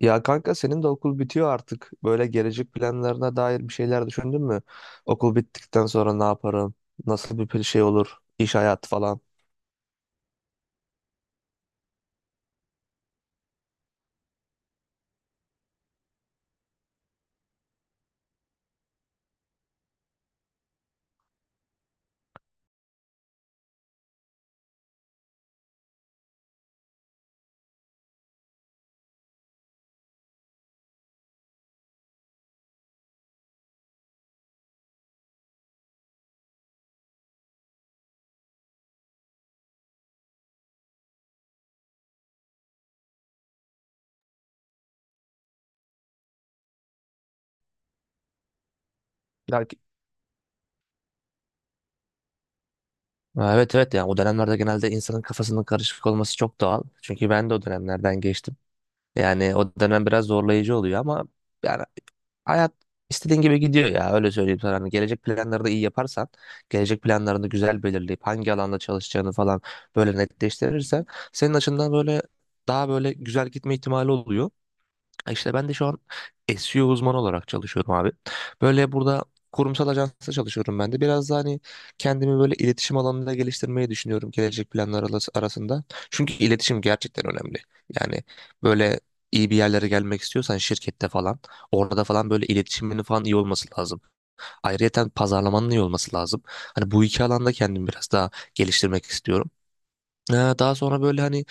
Ya kanka senin de okul bitiyor artık. Böyle gelecek planlarına dair bir şeyler düşündün mü? Okul bittikten sonra ne yaparım? Nasıl bir şey olur? İş hayatı falan. Belki... Ha, evet evet, yani o dönemlerde genelde insanın kafasının karışık olması çok doğal. Çünkü ben de o dönemlerden geçtim. Yani o dönem biraz zorlayıcı oluyor ama yani hayat istediğin gibi gidiyor ya, öyle söyleyeyim sana. Hani gelecek planları da iyi yaparsan, gelecek planlarını güzel belirleyip hangi alanda çalışacağını falan böyle netleştirirsen senin açından böyle daha böyle güzel gitme ihtimali oluyor. Ha, İşte ben de şu an SEO uzmanı olarak çalışıyorum abi. Böyle burada kurumsal ajansta çalışıyorum ben de. Biraz da hani kendimi böyle iletişim alanında geliştirmeyi düşünüyorum gelecek planlar arasında. Çünkü iletişim gerçekten önemli. Yani böyle iyi bir yerlere gelmek istiyorsan şirkette falan orada falan böyle iletişiminin falan iyi olması lazım. Ayrıyeten pazarlamanın iyi olması lazım. Hani bu iki alanda kendimi biraz daha geliştirmek istiyorum. Ee, Daha sonra böyle hani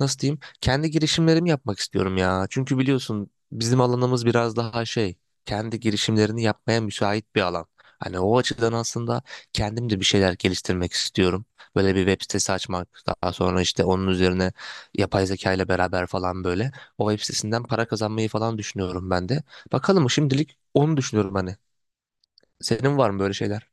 nasıl diyeyim kendi girişimlerimi yapmak istiyorum ya. Çünkü biliyorsun bizim alanımız biraz daha şey, kendi girişimlerini yapmaya müsait bir alan. Hani o açıdan aslında kendim de bir şeyler geliştirmek istiyorum. Böyle bir web sitesi açmak, daha sonra işte onun üzerine yapay zeka ile beraber falan böyle o web sitesinden para kazanmayı falan düşünüyorum ben de. Bakalım, şimdilik onu düşünüyorum hani. Senin var mı böyle şeyler?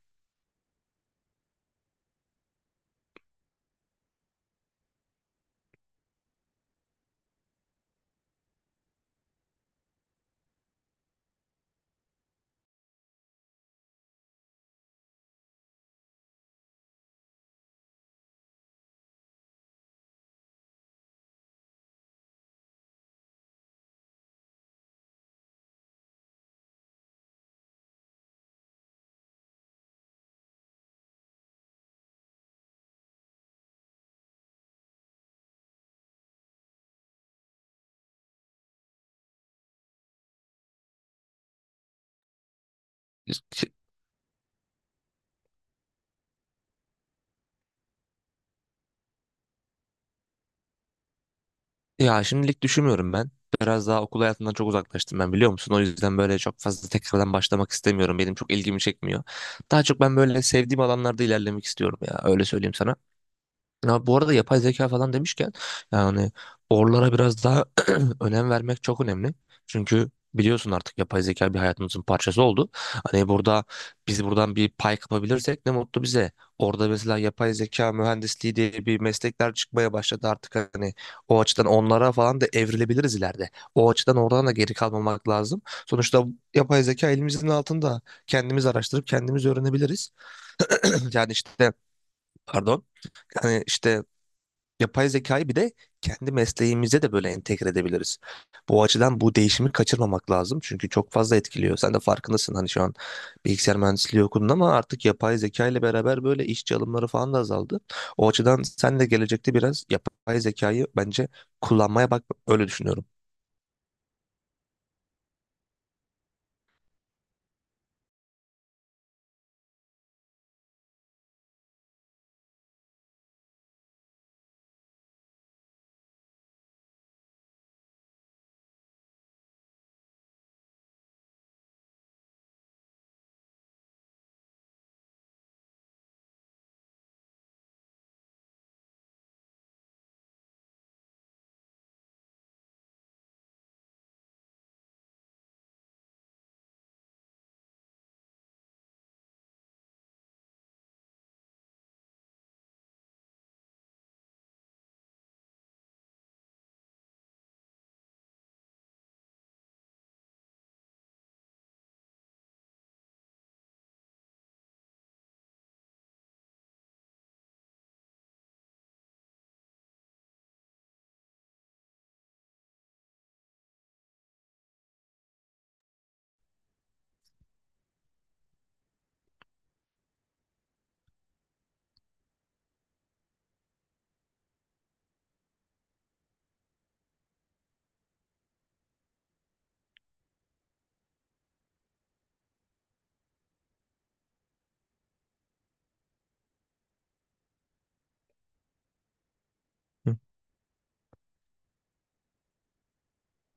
Ya şimdilik düşünmüyorum ben. Biraz daha okul hayatından çok uzaklaştım ben, biliyor musun? O yüzden böyle çok fazla tekrardan başlamak istemiyorum. Benim çok ilgimi çekmiyor. Daha çok ben böyle sevdiğim alanlarda ilerlemek istiyorum ya. Öyle söyleyeyim sana. Ya bu arada yapay zeka falan demişken yani oralara biraz daha önem vermek çok önemli. Çünkü biliyorsun artık yapay zeka bir hayatımızın parçası oldu. Hani burada biz buradan bir pay kapabilirsek ne mutlu bize. Orada mesela yapay zeka mühendisliği diye bir meslekler çıkmaya başladı artık, hani o açıdan onlara falan da evrilebiliriz ileride. O açıdan oradan da geri kalmamak lazım. Sonuçta yapay zeka elimizin altında, kendimiz araştırıp kendimiz öğrenebiliriz. Yani işte, pardon, yani işte yapay zekayı bir de kendi mesleğimize de böyle entegre edebiliriz. Bu açıdan bu değişimi kaçırmamak lazım. Çünkü çok fazla etkiliyor. Sen de farkındasın, hani şu an bilgisayar mühendisliği okudun ama artık yapay zeka ile beraber böyle işçi alımları falan da azaldı. O açıdan sen de gelecekte biraz yapay zekayı bence kullanmaya bak, öyle düşünüyorum.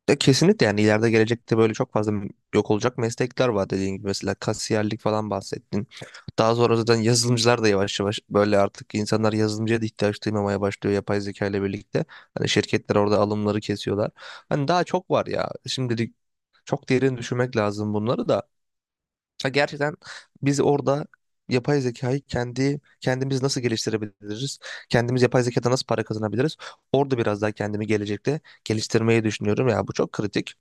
Ya kesinlikle, yani ileride gelecekte böyle çok fazla yok olacak meslekler var, dediğin gibi mesela kasiyerlik falan bahsettin. Daha sonra zaten yazılımcılar da yavaş yavaş böyle artık insanlar yazılımcıya da ihtiyaç duymamaya başlıyor yapay zeka ile birlikte. Hani şirketler orada alımları kesiyorlar. Hani daha çok var ya şimdilik, çok derin düşünmek lazım bunları da. Ha, gerçekten biz orada yapay zekayı kendi kendimiz nasıl geliştirebiliriz? Kendimiz yapay zekadan nasıl para kazanabiliriz? Orada biraz daha kendimi gelecekte geliştirmeyi düşünüyorum ya, bu çok kritik.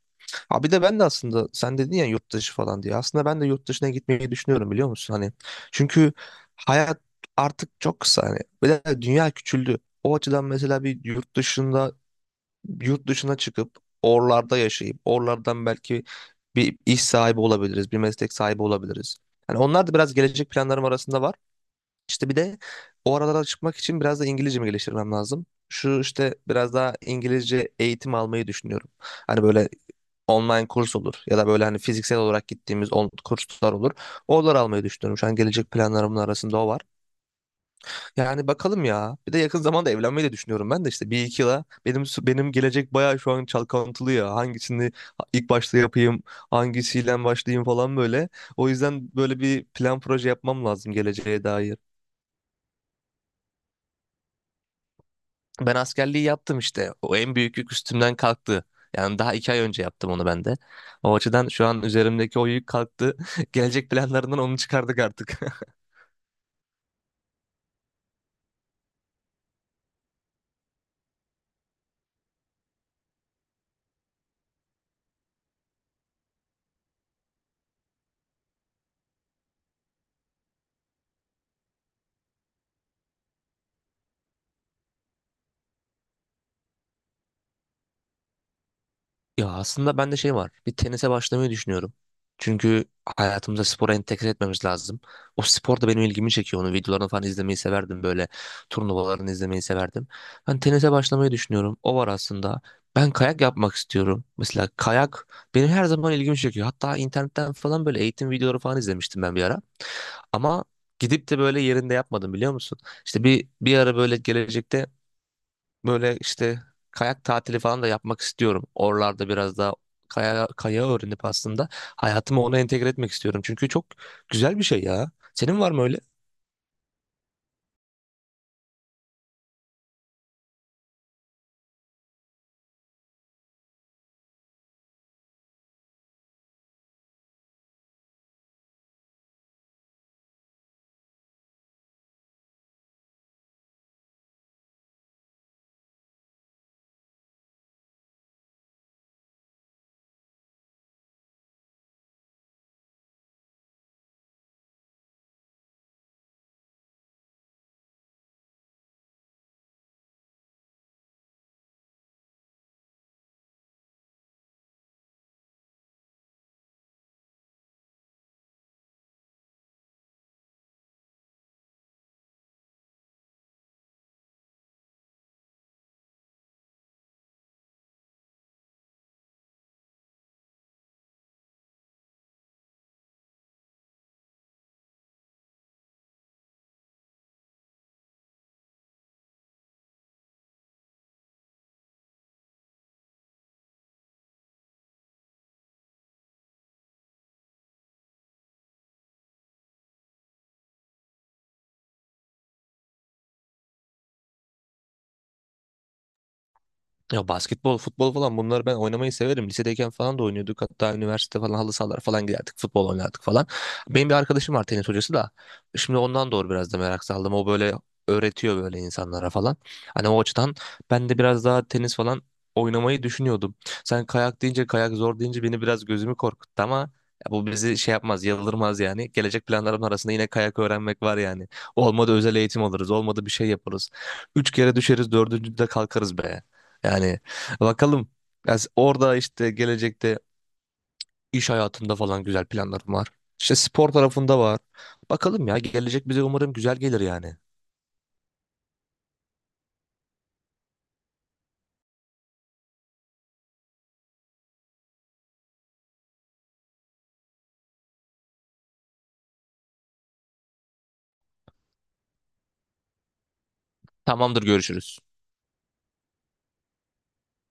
Ha, bir de ben de aslında sen dedin ya yurt dışı falan diye. Aslında ben de yurt dışına gitmeyi düşünüyorum, biliyor musun? Hani çünkü hayat artık çok kısa hani. Bir de dünya küçüldü. O açıdan mesela bir yurt dışında yurt dışına çıkıp oralarda yaşayıp oralardan belki bir iş sahibi olabiliriz, bir meslek sahibi olabiliriz. Hani onlar da biraz gelecek planlarım arasında var. İşte bir de o aralara çıkmak için biraz da İngilizcemi geliştirmem lazım. Şu işte biraz daha İngilizce eğitim almayı düşünüyorum. Hani böyle online kurs olur ya da böyle hani fiziksel olarak gittiğimiz kurslar olur. Oraları almayı düşünüyorum. Şu an gelecek planlarımın arasında o var. Yani bakalım ya. Bir de yakın zamanda evlenmeyi de düşünüyorum ben de, işte bir iki yıla, benim gelecek bayağı şu an çalkantılı ya. Hangisini ilk başta yapayım, hangisiyle başlayayım falan böyle. O yüzden böyle bir plan proje yapmam lazım geleceğe dair. Ben askerliği yaptım işte. O en büyük yük üstümden kalktı. Yani daha 2 ay önce yaptım onu ben de. O açıdan şu an üzerimdeki o yük kalktı. Gelecek planlarından onu çıkardık artık. Ya aslında bende şey var. Bir tenise başlamayı düşünüyorum. Çünkü hayatımıza spora entegre etmemiz lazım. O spor da benim ilgimi çekiyor. Onun videolarını falan izlemeyi severdim böyle. Turnuvalarını izlemeyi severdim. Ben tenise başlamayı düşünüyorum. O var aslında. Ben kayak yapmak istiyorum. Mesela kayak benim her zaman ilgimi çekiyor. Hatta internetten falan böyle eğitim videoları falan izlemiştim ben bir ara. Ama gidip de böyle yerinde yapmadım, biliyor musun? İşte bir ara böyle gelecekte böyle işte kayak tatili falan da yapmak istiyorum. Oralarda biraz daha kaya, kaya öğrenip aslında hayatımı ona entegre etmek istiyorum. Çünkü çok güzel bir şey ya. Senin var mı öyle? Ya basketbol, futbol falan bunları ben oynamayı severim. Lisedeyken falan da oynuyorduk. Hatta üniversite falan halı sahalar falan giderdik. Futbol oynardık falan. Benim bir arkadaşım var tenis hocası da. Şimdi ondan doğru biraz da merak saldım. O böyle öğretiyor böyle insanlara falan. Hani o açıdan ben de biraz daha tenis falan oynamayı düşünüyordum. Sen kayak deyince, kayak zor deyince beni biraz gözümü korkuttu ama ya bu bizi şey yapmaz, yıldırmaz yani. Gelecek planlarım arasında yine kayak öğrenmek var yani. Olmadı özel eğitim alırız, olmadı bir şey yaparız. 3 kere düşeriz, dördüncüde kalkarız be. Yani bakalım. Ya orada işte gelecekte iş hayatında falan güzel planlarım var. İşte spor tarafında var. Bakalım ya, gelecek bize umarım güzel gelir yani. Tamamdır, görüşürüz.